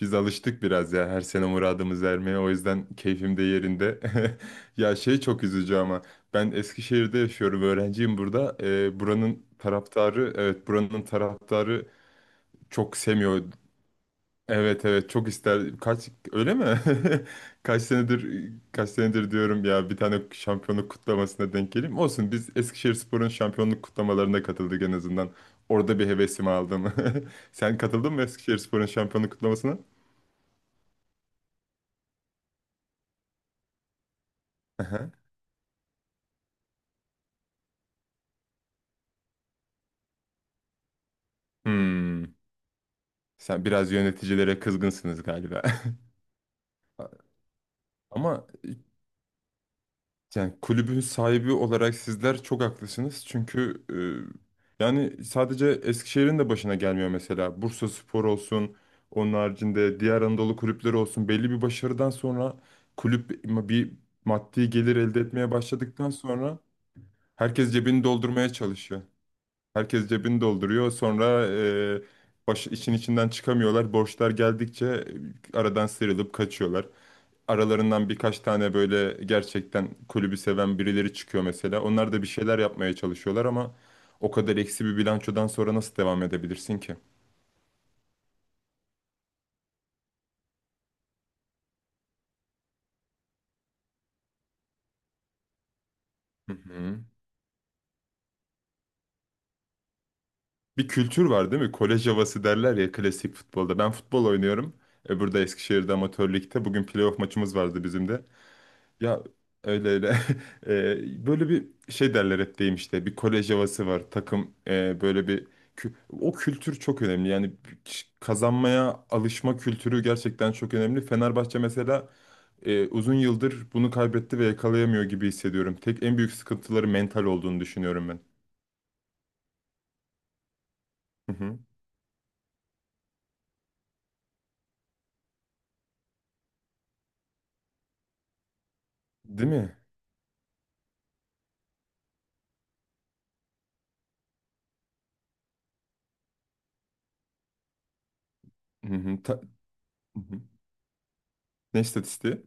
Biz alıştık biraz ya her sene muradımız ermeye o yüzden keyfim de yerinde. Ya şey çok üzücü ama ben Eskişehir'de yaşıyorum, öğrenciyim burada. Buranın taraftarı, evet, buranın taraftarı çok sevmiyor. Evet, evet çok ister. Kaç, öyle mi? Kaç senedir diyorum ya bir tane şampiyonluk kutlamasına denk geleyim. Olsun, biz Eskişehirspor'un şampiyonluk kutlamalarına katıldık en azından. Orada bir hevesimi aldım. Sen katıldın mı Eskişehirspor'un şampiyonluk kutlamasına? Hmm. Sen biraz yöneticilere kızgınsınız galiba. Ama yani kulübün sahibi olarak sizler çok haklısınız. Çünkü yani sadece Eskişehir'in de başına gelmiyor mesela. Bursaspor olsun, onun haricinde diğer Anadolu kulüpleri olsun. Belli bir başarıdan sonra kulüp bir maddi gelir elde etmeye başladıktan sonra herkes cebini doldurmaya çalışıyor. Herkes cebini dolduruyor. Sonra baş, işin içinden çıkamıyorlar. Borçlar geldikçe aradan sıyrılıp kaçıyorlar. Aralarından birkaç tane böyle gerçekten kulübü seven birileri çıkıyor mesela. Onlar da bir şeyler yapmaya çalışıyorlar ama o kadar eksi bir bilançodan sonra nasıl devam edebilirsin ki? Hı hı. Bir kültür var değil mi? Kolej havası derler ya klasik futbolda. Ben futbol oynuyorum. Burada Eskişehir'de amatör ligde. Bugün playoff maçımız vardı bizim de. Ya öyle öyle. Böyle bir şey derler hep, deyim işte, bir kolej havası var takım, böyle bir kü- o kültür çok önemli yani, kazanmaya alışma kültürü gerçekten çok önemli. Fenerbahçe mesela uzun yıldır bunu kaybetti ve yakalayamıyor gibi hissediyorum. Tek en büyük sıkıntıları mental olduğunu düşünüyorum ben. Hı hı. Değil mi? Hı hı. Hı hı. Ne istatistiği?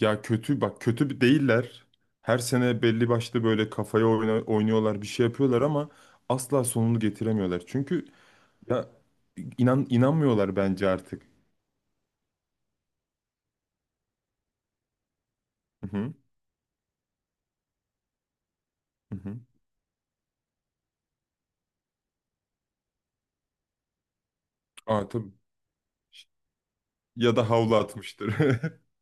Ya kötü bak, kötü değiller. Her sene belli başlı böyle kafaya oynuyorlar, bir şey yapıyorlar ama asla sonunu getiremiyorlar. Çünkü ya inanmıyorlar bence artık. Hı hı. Hı hı. Aa tabii. Ş- Ya da havlu atmıştır.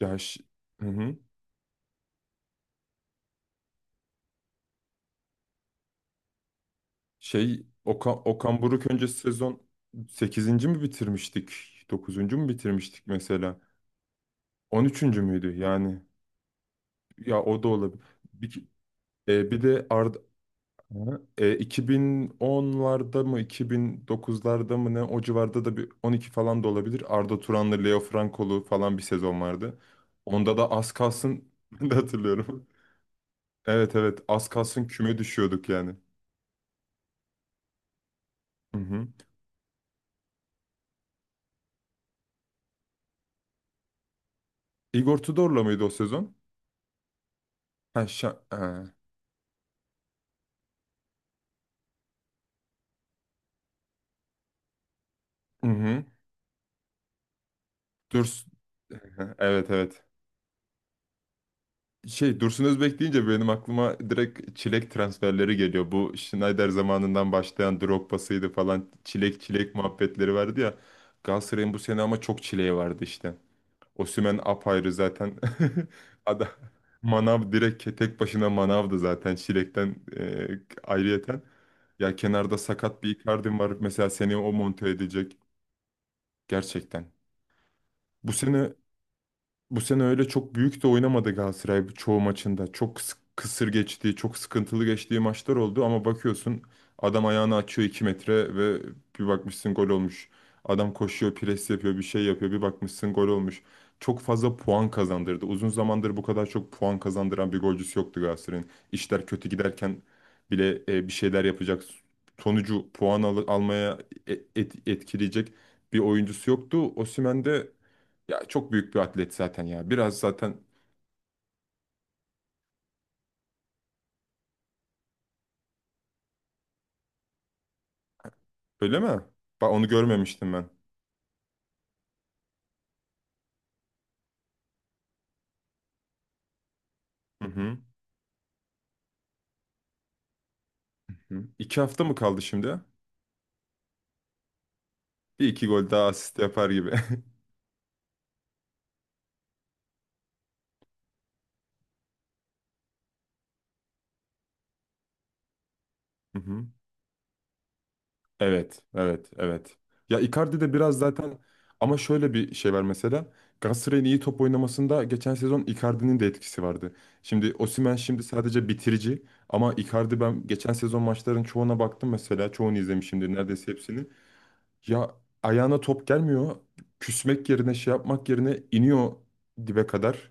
Ya ş- hı hı. Şey Okan, Okan Buruk öncesi sezon sekizinci mi bitirmiştik? Dokuzuncu mu bitirmiştik mesela? On üçüncü müydü yani? Ya o da olabilir. Bir, e, bir de Ar- Hı. E, 2010'larda mı 2009'larda mı, ne o civarda da bir 12 falan da olabilir. Arda Turan'lı Leo Frankolu falan bir sezon vardı. Onda da az kalsın ben de hatırlıyorum. Evet, evet az kalsın küme düşüyorduk yani. Hı hı. Igor Tudor'la mıydı o sezon? Ha, şa ha. Hı hı. Durs- Evet, evet. Şey Dursun Özbek deyince benim aklıma direkt çilek transferleri geliyor. Bu Schneider zamanından başlayan Drogba'sıydı falan. Çilek çilek muhabbetleri vardı ya. Galatasaray'ın bu sene ama çok çileği vardı işte. Osimhen apayrı zaten. Ada Manav direkt tek başına Manav'dı zaten çilekten ayrıyeten. Ya kenarda sakat bir Icardi var mesela, seni o monte edecek gerçekten. Bu sene bu sene öyle çok büyük de oynamadı Galatasaray çoğu maçında. Çok kısır geçtiği, çok sıkıntılı geçtiği maçlar oldu ama bakıyorsun adam ayağını açıyor 2 metre ve bir bakmışsın gol olmuş. Adam koşuyor, pres yapıyor, bir şey yapıyor, bir bakmışsın gol olmuş. Çok fazla puan kazandırdı. Uzun zamandır bu kadar çok puan kazandıran bir golcüsü yoktu Galatasaray'ın. İşler kötü giderken bile bir şeyler yapacak, sonucu almaya etkileyecek bir oyuncusu yoktu. Osimhen de ya çok büyük bir atlet zaten ya. Biraz zaten, öyle mi? Bak onu görmemiştim ben. Hı hı. Hı. İki hafta mı kaldı şimdi? Bir iki gol daha asist yapar gibi. Hı hı. Evet, evet, evet. Ya Icardi de biraz zaten, ama şöyle bir şey var mesela. Galatasaray'ın iyi top oynamasında geçen sezon Icardi'nin de etkisi vardı. Şimdi Osimhen şimdi sadece bitirici, ama Icardi, ben geçen sezon maçların çoğuna baktım mesela. Çoğunu izlemişimdir, neredeyse hepsini. Ya ayağına top gelmiyor. Küsmek yerine, şey yapmak yerine iniyor dibe kadar.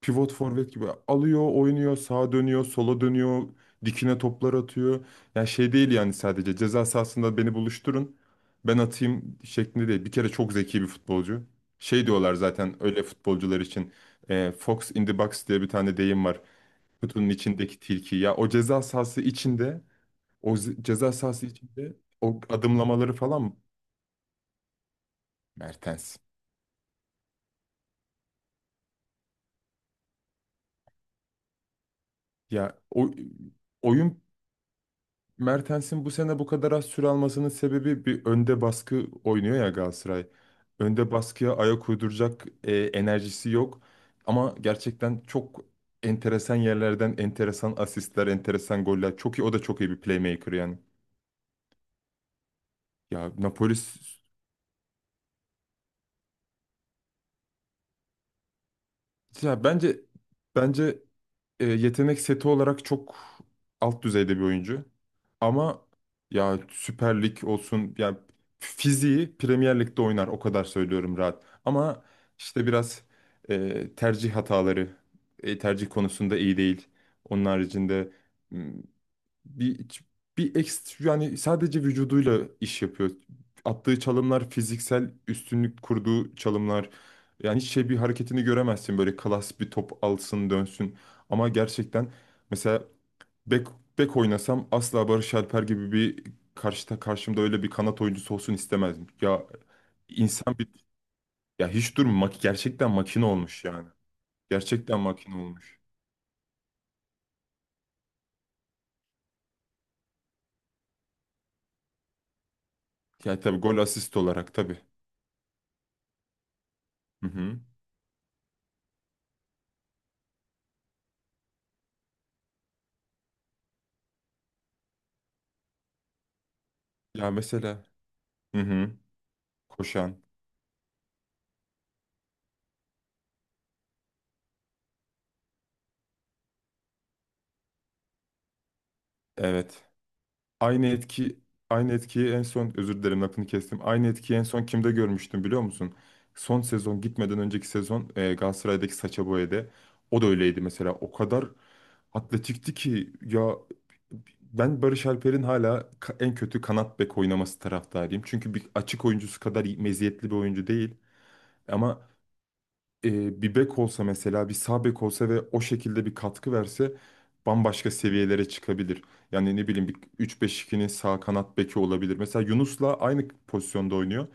Pivot forvet gibi alıyor, oynuyor, sağa dönüyor, sola dönüyor, dikine toplar atıyor. Yani şey değil yani, sadece ceza sahasında beni buluşturun, ben atayım şeklinde değil. Bir kere çok zeki bir futbolcu. Şey diyorlar zaten öyle futbolcular için. Fox in the box diye bir tane deyim var. Kutunun içindeki tilki. Ya o ceza sahası içinde, ceza sahası içinde o adımlamaları falan, Mertens. Ya o oyun, Mertens'in bu sene bu kadar az süre almasının sebebi, bir önde baskı oynuyor ya Galatasaray. Önde baskıya ayak uyduracak enerjisi yok. Ama gerçekten çok enteresan yerlerden enteresan asistler, enteresan goller. Çok iyi, o da çok iyi bir playmaker yani. Ya Napoli Ya bence, bence yetenek seti olarak çok alt düzeyde bir oyuncu. Ama ya Süper Lig olsun yani, fiziği Premier Lig'de oynar o kadar, söylüyorum rahat. Ama işte biraz tercih hataları, tercih konusunda iyi değil. Onun haricinde bir bir ekstra yani, sadece vücuduyla iş yapıyor. Attığı çalımlar fiziksel üstünlük kurduğu çalımlar. Yani hiç şey bir hareketini göremezsin, böyle klas bir, top alsın dönsün. Ama gerçekten mesela bek bek oynasam asla Barış Alper gibi bir karşımda öyle bir kanat oyuncusu olsun istemezdim. Ya insan bir, ya hiç gerçekten makine olmuş yani. Gerçekten makine olmuş. Yani tabii gol asist olarak tabii. Hı hı. Ya mesela hı hı. Koşan. Evet. Aynı etki Aynı etkiyi en son, özür dilerim lafını kestim. Aynı etkiyi en son kimde görmüştüm biliyor musun? Son sezon gitmeden önceki sezon Galatasaray'daki Sacha Boey'de, o da öyleydi mesela. O kadar atletikti ki ya, ben Barış Alper'in hala en kötü kanat bek oynaması taraftarıyım. Çünkü bir açık oyuncusu kadar meziyetli bir oyuncu değil ama bir bek olsa mesela, bir sağ bek olsa ve o şekilde bir katkı verse bambaşka seviyelere çıkabilir. Yani ne bileyim, bir 3-5-2'nin sağ kanat beki olabilir. Mesela Yunus'la aynı pozisyonda oynuyor.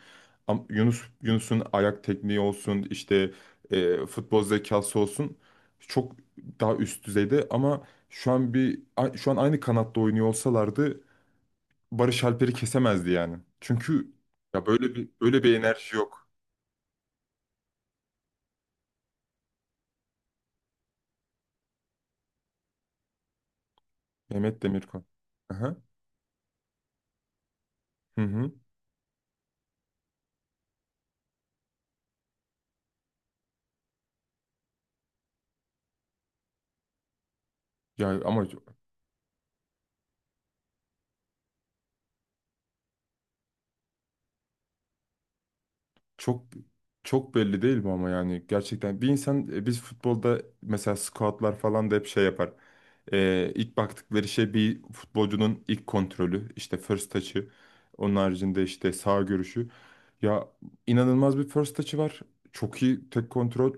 Ama Yunus, Yunus'un ayak tekniği olsun, işte futbol zekası olsun çok daha üst düzeyde, ama şu an şu an aynı kanatta oynuyor olsalardı Barış Alper'i kesemezdi yani. Çünkü ya böyle bir enerji yok. Mehmet Demirkol. Aha. Hı hı. Yani ama çok çok belli değil mi ama, yani gerçekten bir insan, biz futbolda mesela scoutlar falan da hep şey yapar. İlk baktıkları şey bir futbolcunun ilk kontrolü, işte first touch'ı, onun haricinde işte sağ görüşü. Ya inanılmaz bir first touch'ı var. Çok iyi tek kontrol,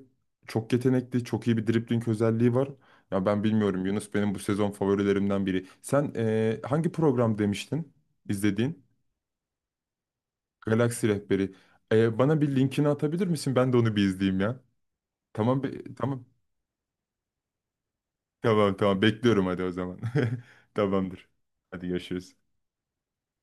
çok yetenekli, çok iyi bir dribbling özelliği var. Ya ben bilmiyorum, Yunus benim bu sezon favorilerimden biri. Sen hangi program demiştin izlediğin? Galaksi Rehberi. Bana bir linkini atabilir misin? Ben de onu bir izleyeyim ya. Tamam, tamam. Tamam, tamam. Bekliyorum, hadi o zaman. Tamamdır. Hadi görüşürüz.